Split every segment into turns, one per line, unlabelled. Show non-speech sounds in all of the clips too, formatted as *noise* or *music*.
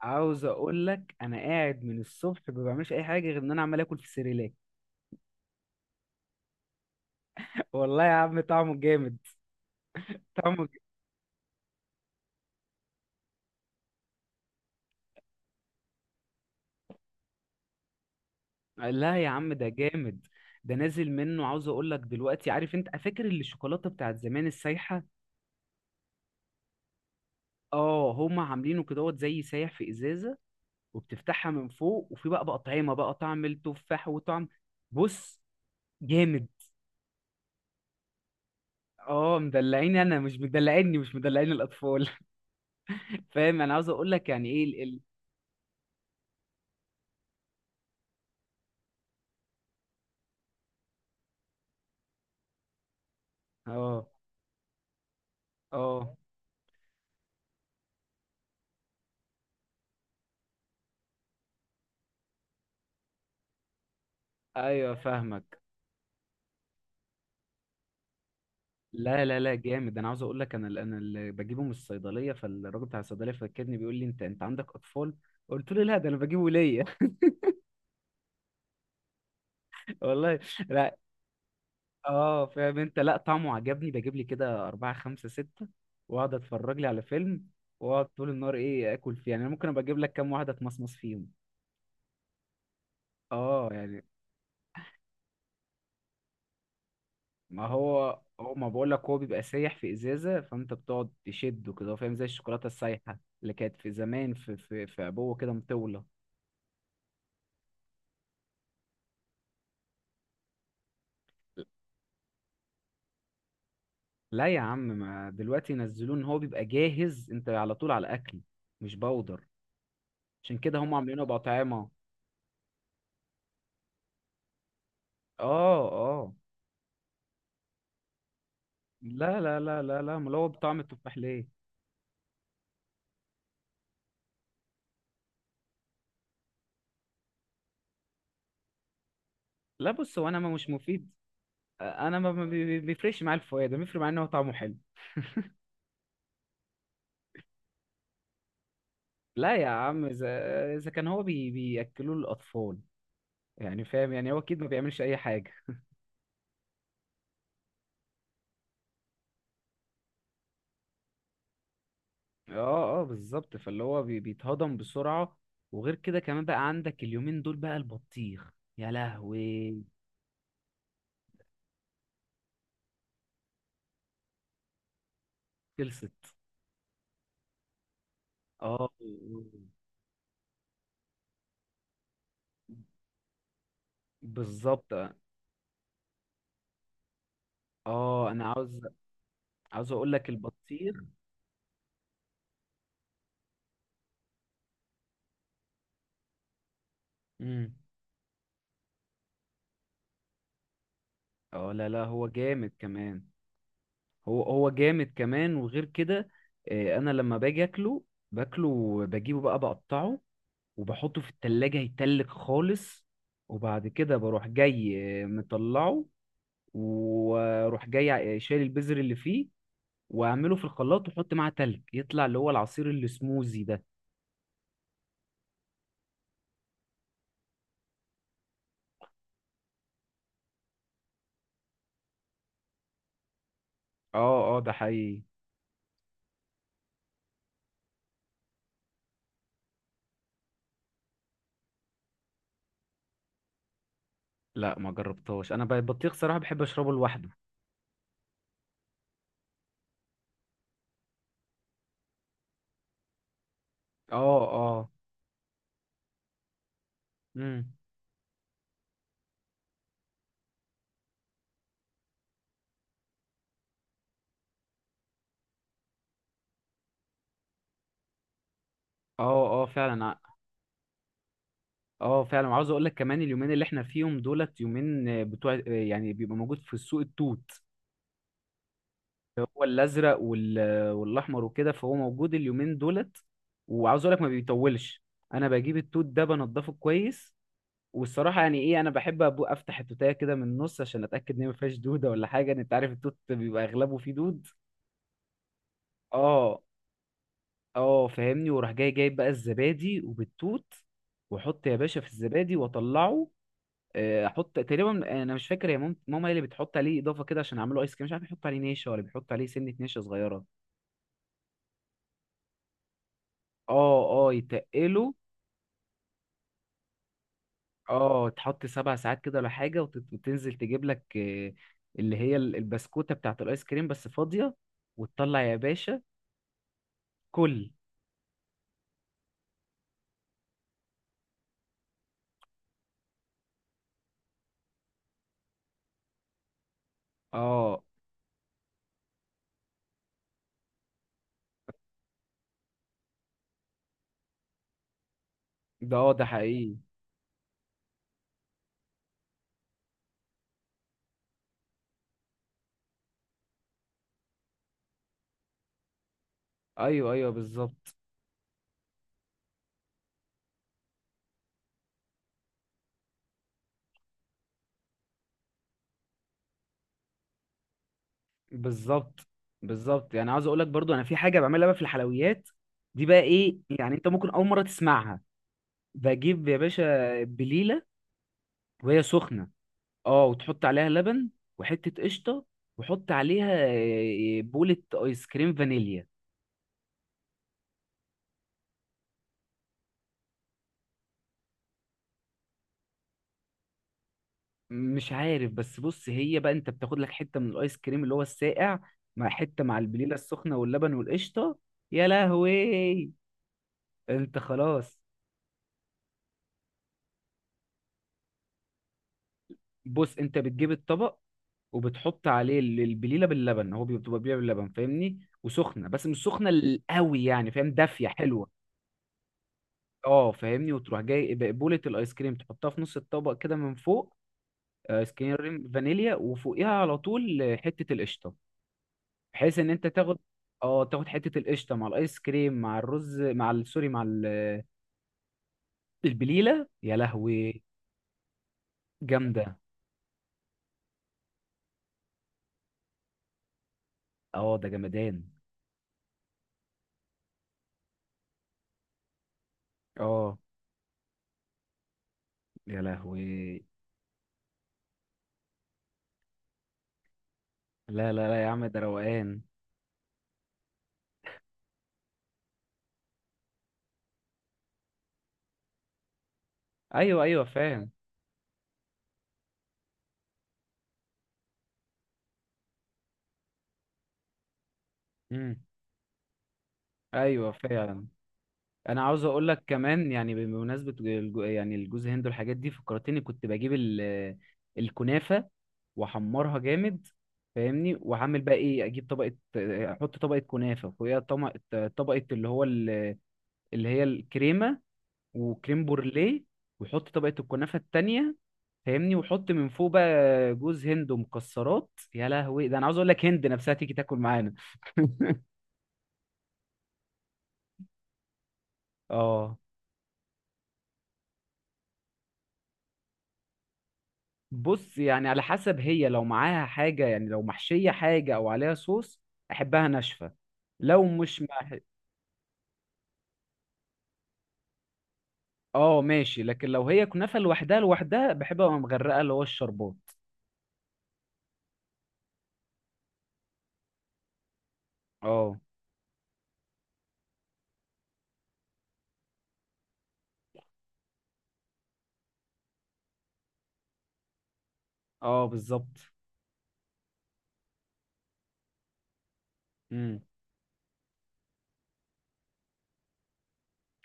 عاوز اقول لك انا قاعد من الصبح ما بعملش اي حاجه غير ان انا عمال اكل في سيريلاك. *laughs* والله يا عم طعمه جامد. طعمه ج... لا يا عم ده جامد. ده نازل منه. عاوز اقول لك دلوقتي، عارف انت فاكر اللي الشوكولاته بتاعت زمان السايحه؟ اه، هما عاملينه كدهوت زي سايح في ازازه، وبتفتحها من فوق، وفي بقى طعمه بقى طعم التفاح وطعم. بص، جامد. اه، مدلعيني، انا مش مدلعيني، مش مدلعين الاطفال. *laughs* فاهم. انا عاوز اقول لك يعني ايه اه اه ايوه، فاهمك. لا لا لا جامد. انا عاوز اقول لك، انا اللي بجيبه من الصيدليه، فالراجل بتاع الصيدليه فكرني بيقول لي انت عندك اطفال؟ قلت له لا، ده انا بجيبه ليا. *laughs* والله. لا اه، فاهم انت. لا، طعمه عجبني، بجيب لي كده اربعه خمسه سته واقعد اتفرج لي على فيلم، واقعد طول النهار ايه اكل فيه. يعني انا ممكن ابقى اجيب لك كام واحده اتمصمص فيهم. اه يعني. ما هو هو ما بقول لك، هو بيبقى سايح في ازازه، فانت بتقعد تشده كده، فاهم؟ زي الشوكولاته السايحه اللي كانت في زمان، في في عبوه كده مطوله. لا يا عم، ما دلوقتي ينزلوه ان هو بيبقى جاهز، انت على طول على اكل، مش بودر. عشان كده هم عاملينه بأطعمة. اه اه. لا لا لا لا لا، امال هو بطعم التفاح ليه؟ لا بص، هو انا ما مش مفيد. انا ما ما بي- بي- بيفرقش معايا الفوائد، بيفرق معايا ان هو طعمه حلو. لا يا عم، اذا كان هو بياكلوه للاطفال يعني، فاهم؟ يعني هو اكيد ما بيعملش اي حاجه. اه اه، بالظبط. فاللي هو بيتهضم بسرعه. وغير كده كمان بقى، عندك اليومين دول بقى البطيخ. يا لهوي، خلصت. اه، بالظبط. اه، انا عاوز اقول لك البطيخ. امم، اه، لا لا، هو جامد كمان. هو جامد كمان، وغير كده انا لما باجي اكله، باكله، بجيبه بقى بقطعه، وبحطه في التلاجة يتلج خالص. وبعد كده بروح جاي مطلعه، واروح جاي شايل البذر اللي فيه، واعمله في الخلاط واحط معاه تلج، يطلع اللي هو العصير اللي سموزي ده. اه اه، ده حقيقي. لا ما جربتهاش، انا بقى البطيخ صراحه بحب اشربه لوحده. اه اه امم اه اه فعلا اه فعلا. وعاوز اقول لك كمان، اليومين اللي احنا فيهم دولت، يومين بتوع يعني بيبقى موجود في السوق التوت، هو الازرق والاحمر وكده، فهو موجود اليومين دولت. وعاوز اقول لك ما بيطولش. انا بجيب التوت ده بنضفه كويس، والصراحه يعني ايه، انا بحب أبو افتح التوتايه كده من النص عشان اتاكد ان هي ما فيهاش دوده ولا حاجه، إن انت عارف التوت بيبقى اغلبه فيه دود. اه اه، فاهمني. وراح جاي جايب بقى الزبادي وبالتوت، واحط يا باشا في الزبادي واطلعه. احط تقريبا، انا مش فاكر، يا ماما هي اللي بتحط عليه اضافه كده عشان اعمله ايس كريم، مش عارف يحط عليه نشا ولا بيحط عليه سنه نشا صغيره. اه اه، يتقله. اه، تحط 7 ساعات كده ولا حاجه وتنزل تجيب لك اللي هي البسكوته بتاعت الايس كريم بس فاضيه، وتطلع يا باشا كل. اه. ده حقيقي. ايوه ايوه، بالظبط. بالظبط بالظبط يعني. عاوز اقول لك برضو، انا في حاجه بعملها بقى في الحلويات دي بقى ايه، يعني انت ممكن اول مره تسمعها. بجيب يا باشا بليله وهي سخنه. اه، وتحط عليها لبن وحته قشطه، وحط عليها بولة ايس كريم فانيليا. مش عارف، بس بص، هي بقى انت بتاخد لك حته من الايس كريم اللي هو الساقع، مع حته مع البليله السخنه واللبن والقشطه. يا لهوي. انت خلاص. بص، انت بتجيب الطبق وبتحط عليه البليله باللبن، هو بيبقى بليله باللبن فاهمني، وسخنه، بس مش سخنه قوي يعني، فاهم؟ دافيه حلوه. اه، فاهمني. وتروح جاي بقبوله الايس كريم تحطها في نص الطبق كده من فوق، ايس كريم فانيليا، وفوقيها على طول حته القشطه، بحيث ان انت تاخد اه تاخد حته القشطه مع الايس كريم مع الرز مع سوري، مع البليله. يا لهوي، جامده. اه، ده جمدان. اه، يا لهوي. لا لا لا يا عم، ده روقان. ايوه ايوه، فاهم. إمم. ايوه، فعلا. انا عاوز اقول لك كمان، يعني بمناسبه يعني الجوز هند والحاجات دي فكرتني، كنت بجيب الكنافه واحمرها جامد فاهمني، واعمل بقى ايه، اجيب طبقه، احط طبقه كنافه، فوقيها طبقه اللي هي الكريمه وكريم بورليه، واحط طبقه الكنافه التانية فاهمني، واحط من فوق بقى جوز هند ومكسرات. يا لهوي، ده انا عاوز اقول لك هند نفسها تيجي تاكل معانا. *laughs* اه، بص يعني على حسب، هي لو معاها حاجة يعني، لو محشية حاجة أو عليها صوص، أحبها ناشفة. لو مش مع، اه ماشي، لكن لو هي كنافة لوحدها، لوحدها بحبها وهي مغرقة اللي هو الشربات. اه اه، بالظبط. امم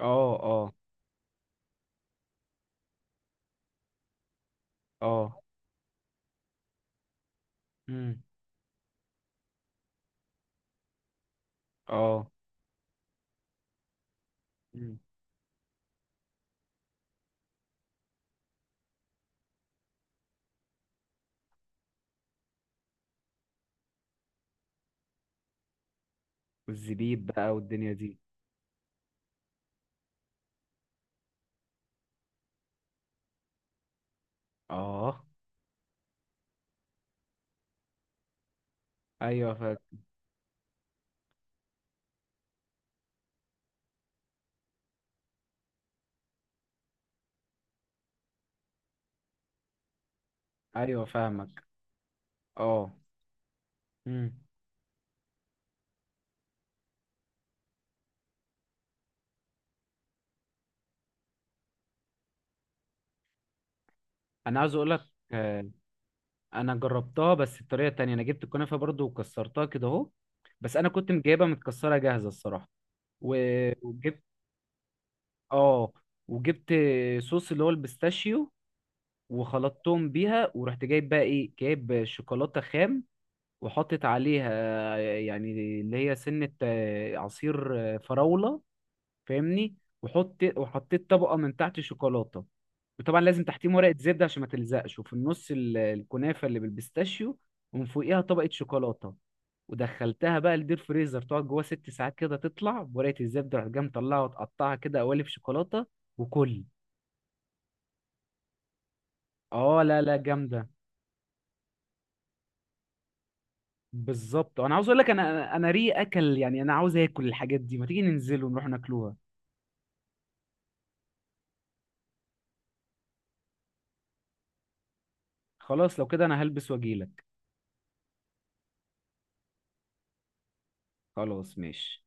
اه اه اه امم اه امم، والزبيب بقى والدنيا دي. اه، ايوه فاهم. ايوه فاهمك. اه امم. انا عاوز اقول لك، انا جربتها بس بطريقه تانية. انا جبت الكنافه برضو وكسرتها كده اهو، بس انا كنت مجايبها متكسره جاهزه الصراحه. و- وجبت اه وجبت صوص اللي هو البيستاشيو وخلطتهم بيها، ورحت جايب بقى ايه، جايب شوكولاته خام وحطت عليها، يعني اللي هي سنه عصير فراوله فاهمني. وحطيت طبقه من تحت شوكولاته، وطبعا لازم تحتيهم ورقه زبده عشان ما تلزقش، وفي النص الكنافه اللي بالبيستاشيو، ومن فوقيها طبقه شوكولاته. ودخلتها بقى الدير فريزر تقعد جوه 6 ساعات كده، تطلع بورقه الزبده، رحت جاي مطلعها وتقطعها كده قوالب شوكولاته وكل. اه، لا لا جامده. بالظبط. انا عاوز اقول لك، انا ري اكل يعني، انا عاوز اكل الحاجات دي، ما تيجي ننزل ونروح ناكلوها. خلاص، لو كده انا هلبس واجيلك. خلاص ماشي.